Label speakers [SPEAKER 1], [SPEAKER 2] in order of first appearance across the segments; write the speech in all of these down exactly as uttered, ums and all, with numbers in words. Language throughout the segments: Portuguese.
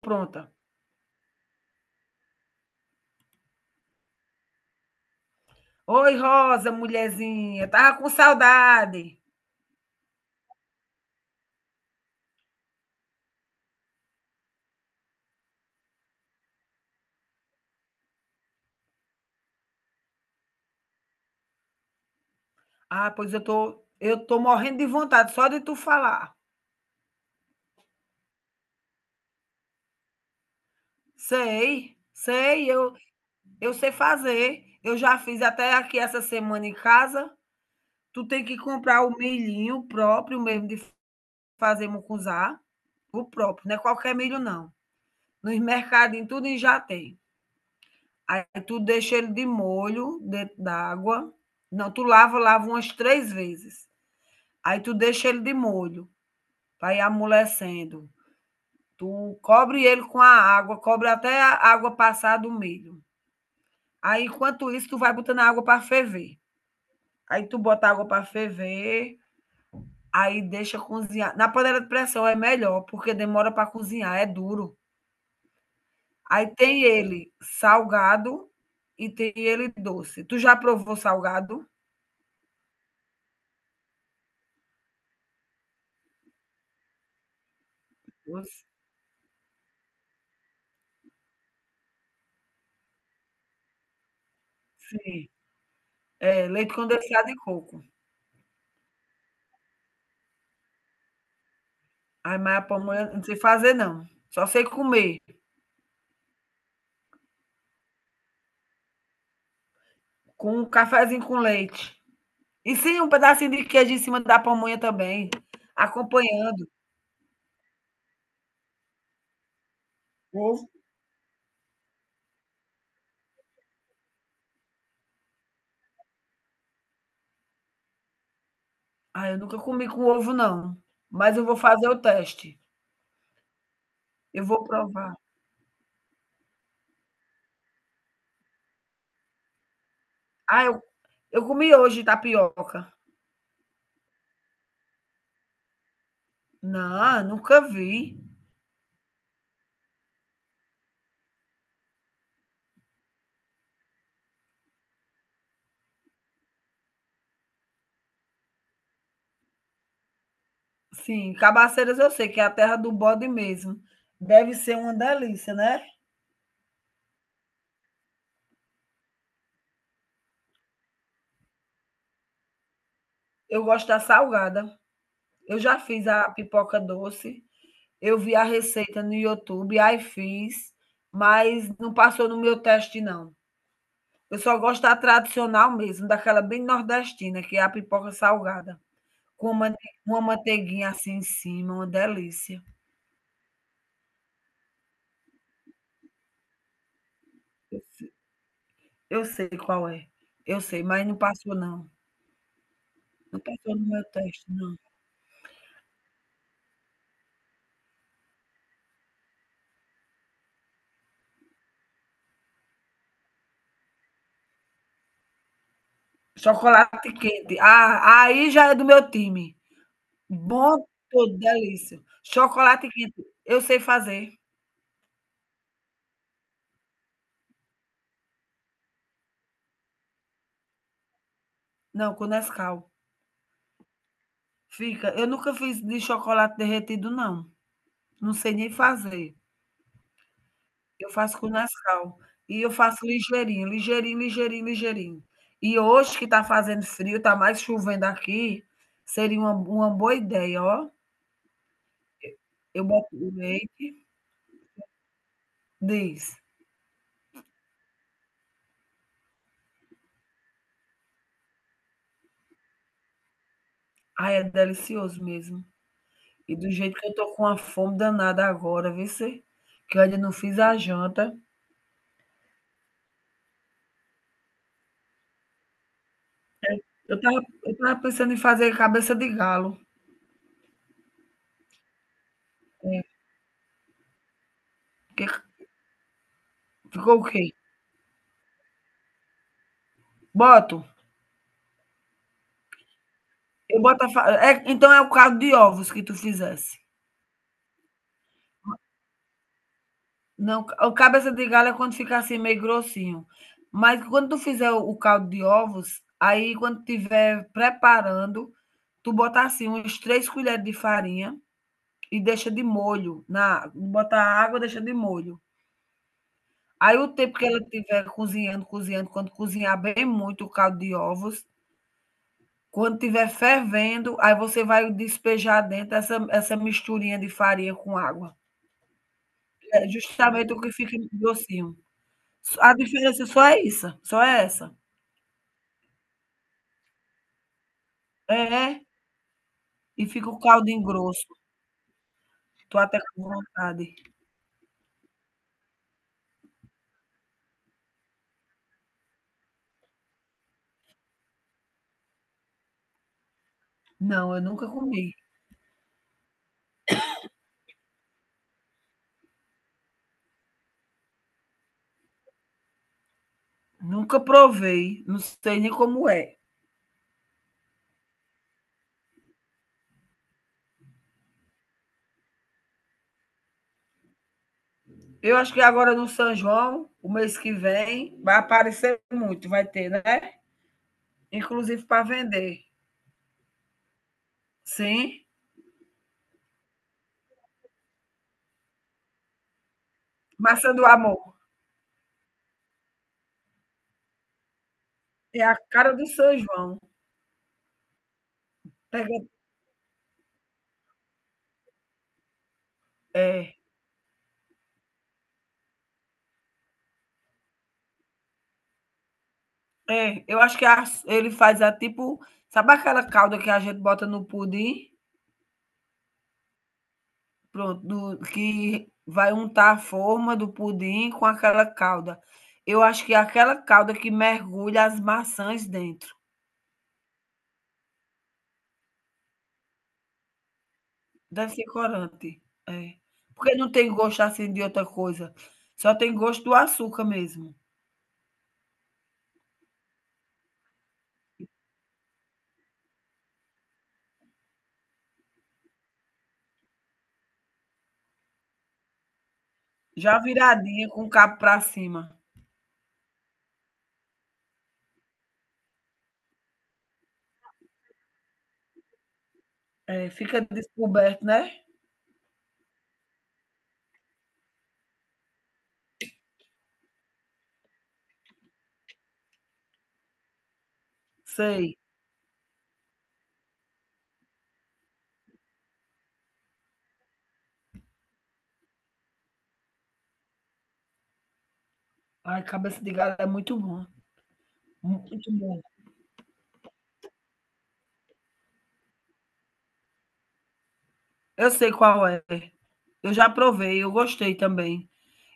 [SPEAKER 1] Pronta. Oi, Rosa, mulherzinha, estava com saudade. Ah, pois eu tô eu tô morrendo de vontade só de tu falar. Sei, sei, eu eu sei fazer. Eu já fiz até aqui essa semana em casa. Tu tem que comprar o milhinho próprio mesmo de fazer mucunzá, o próprio, não é qualquer milho não. Nos mercadinhos tudinho já tem. Aí tu deixa ele de molho dentro d'água. Não, tu lava, lava umas três vezes. Aí tu deixa ele de molho. Vai amolecendo. Tu cobre ele com a água, cobre até a água passar do milho. Aí, enquanto isso, tu vai botando a água para ferver. Aí tu bota a água para ferver, aí deixa cozinhar. Na panela de pressão é melhor, porque demora para cozinhar, é duro. Aí tem ele salgado e tem ele doce. Tu já provou salgado? Doce? Sim. É, leite condensado e coco. Ai, mas a pamonha não sei fazer, não. Só sei comer. Com um cafezinho com leite. E sim, um pedacinho de queijo em cima da pamonha também, acompanhando. Ovo. Ah, eu nunca comi com ovo, não. Mas eu vou fazer o teste. Eu vou provar. Ah, eu, eu comi hoje tapioca. Não, nunca vi. Sim, Cabaceiras eu sei que é a terra do bode mesmo. Deve ser uma delícia, né? Eu gosto da salgada. Eu já fiz a pipoca doce. Eu vi a receita no YouTube, aí fiz, mas não passou no meu teste, não. Eu só gosto da tradicional mesmo, daquela bem nordestina, que é a pipoca salgada, com uma mante uma manteiguinha assim em cima, uma delícia. Eu se eu sei qual é, eu sei, mas não passou não, não passou no meu teste não. Chocolate quente, ah, aí já é do meu time. Bom todo, delícia. Chocolate quente, eu sei fazer. Não, com Nescau. Fica eu nunca fiz de chocolate derretido não, não sei nem fazer. Eu faço com Nescau. E eu faço ligeirinho, ligeirinho, ligeirinho, ligeirinho. E hoje que está fazendo frio, está mais chovendo aqui, seria uma uma boa ideia, ó. Eu boto o leite diz. Ai, é delicioso mesmo. E do jeito que eu tô com uma fome danada agora, vice, que eu ainda não fiz a janta. Eu tava eu tava pensando em fazer cabeça de galo. É, que ficou o quê? Boto? Eu boto a fa é, então é o caldo de ovos que tu fizesse. Não, o cabeça de galho é quando fica assim meio grossinho. Mas quando tu fizer o o caldo de ovos, aí quando tiver preparando, tu bota assim uns três colheres de farinha e deixa de molho na bota a água, deixa de molho. Aí o tempo que ela estiver cozinhando, cozinhando, quando cozinhar bem muito o caldo de ovos, quando estiver fervendo, aí você vai despejar dentro essa essa misturinha de farinha com água. É justamente o que fica grossinho. A diferença só é isso, só é essa. É, é, e fica o caldinho grosso. Tô até com vontade. Não, eu nunca comi, nunca provei, não sei nem como é. Eu acho que agora no São João, o mês que vem, vai aparecer muito, vai ter, né, inclusive para vender. Sim, maçã do amor, é a cara do São João. Pega é, é, eu acho que a ele faz a tipo sabe aquela calda que a gente bota no pudim? Pronto, do que vai untar a forma do pudim com aquela calda. Eu acho que é aquela calda que mergulha as maçãs dentro. Deve ser corante, é. Porque não tem gosto, assim, de outra coisa, só tem gosto do açúcar mesmo. Já viradinha com o cabo pra cima. É, fica descoberto, né. Sei. Ai, cabeça de galo é muito bom, muito bom. Eu sei qual é. Eu já provei, eu gostei também.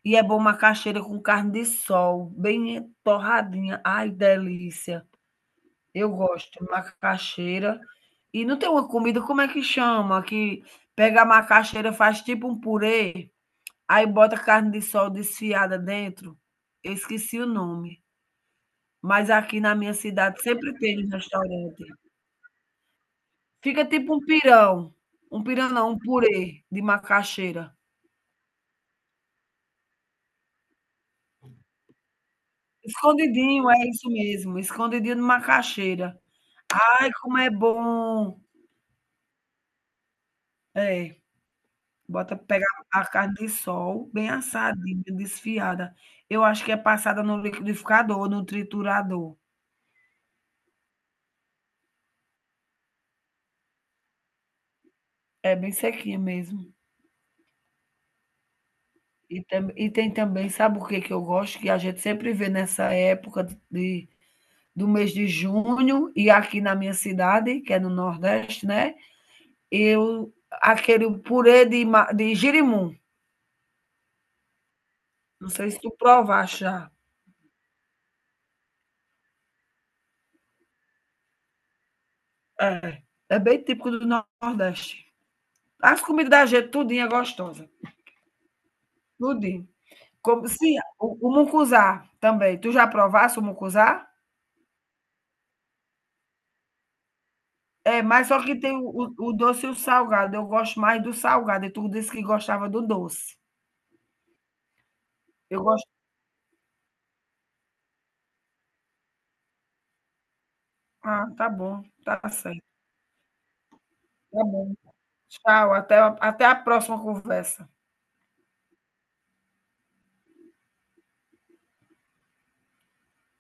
[SPEAKER 1] E é bom macaxeira com carne de sol, bem torradinha. Ai, delícia. Eu gosto de macaxeira. E não tem uma comida, como é que chama? Que pega a macaxeira, faz tipo um purê, aí bota carne de sol desfiada dentro. Eu esqueci o nome, mas aqui na minha cidade sempre tem um restaurante. Fica tipo um pirão. Um pirão não, um purê de macaxeira. Escondidinho, é isso mesmo, escondidinho de macaxeira. Ai, como é bom! É, bota pega a carne de sol bem assadinha, desfiada. Eu acho que é passada no liquidificador, no triturador. É bem sequinha mesmo. E tam e tem também, sabe o que que eu gosto? Que a gente sempre vê nessa época de do mês de junho e aqui na minha cidade, que é no Nordeste, né, eu aquele purê de ma de jerimum. Não sei se tu provaste já. É, é bem típico do Nordeste. As comidas da gente tudinho é gostosa, tudinho. Como sim, o o mucuzá também. Tu já provaste o mucuzá? É, mas só que tem o o o doce e o salgado. Eu gosto mais do salgado e tu disse que gostava do doce. Eu gosto ah, tá bom, tá certo. Tá bom. Tchau, até a até a próxima conversa.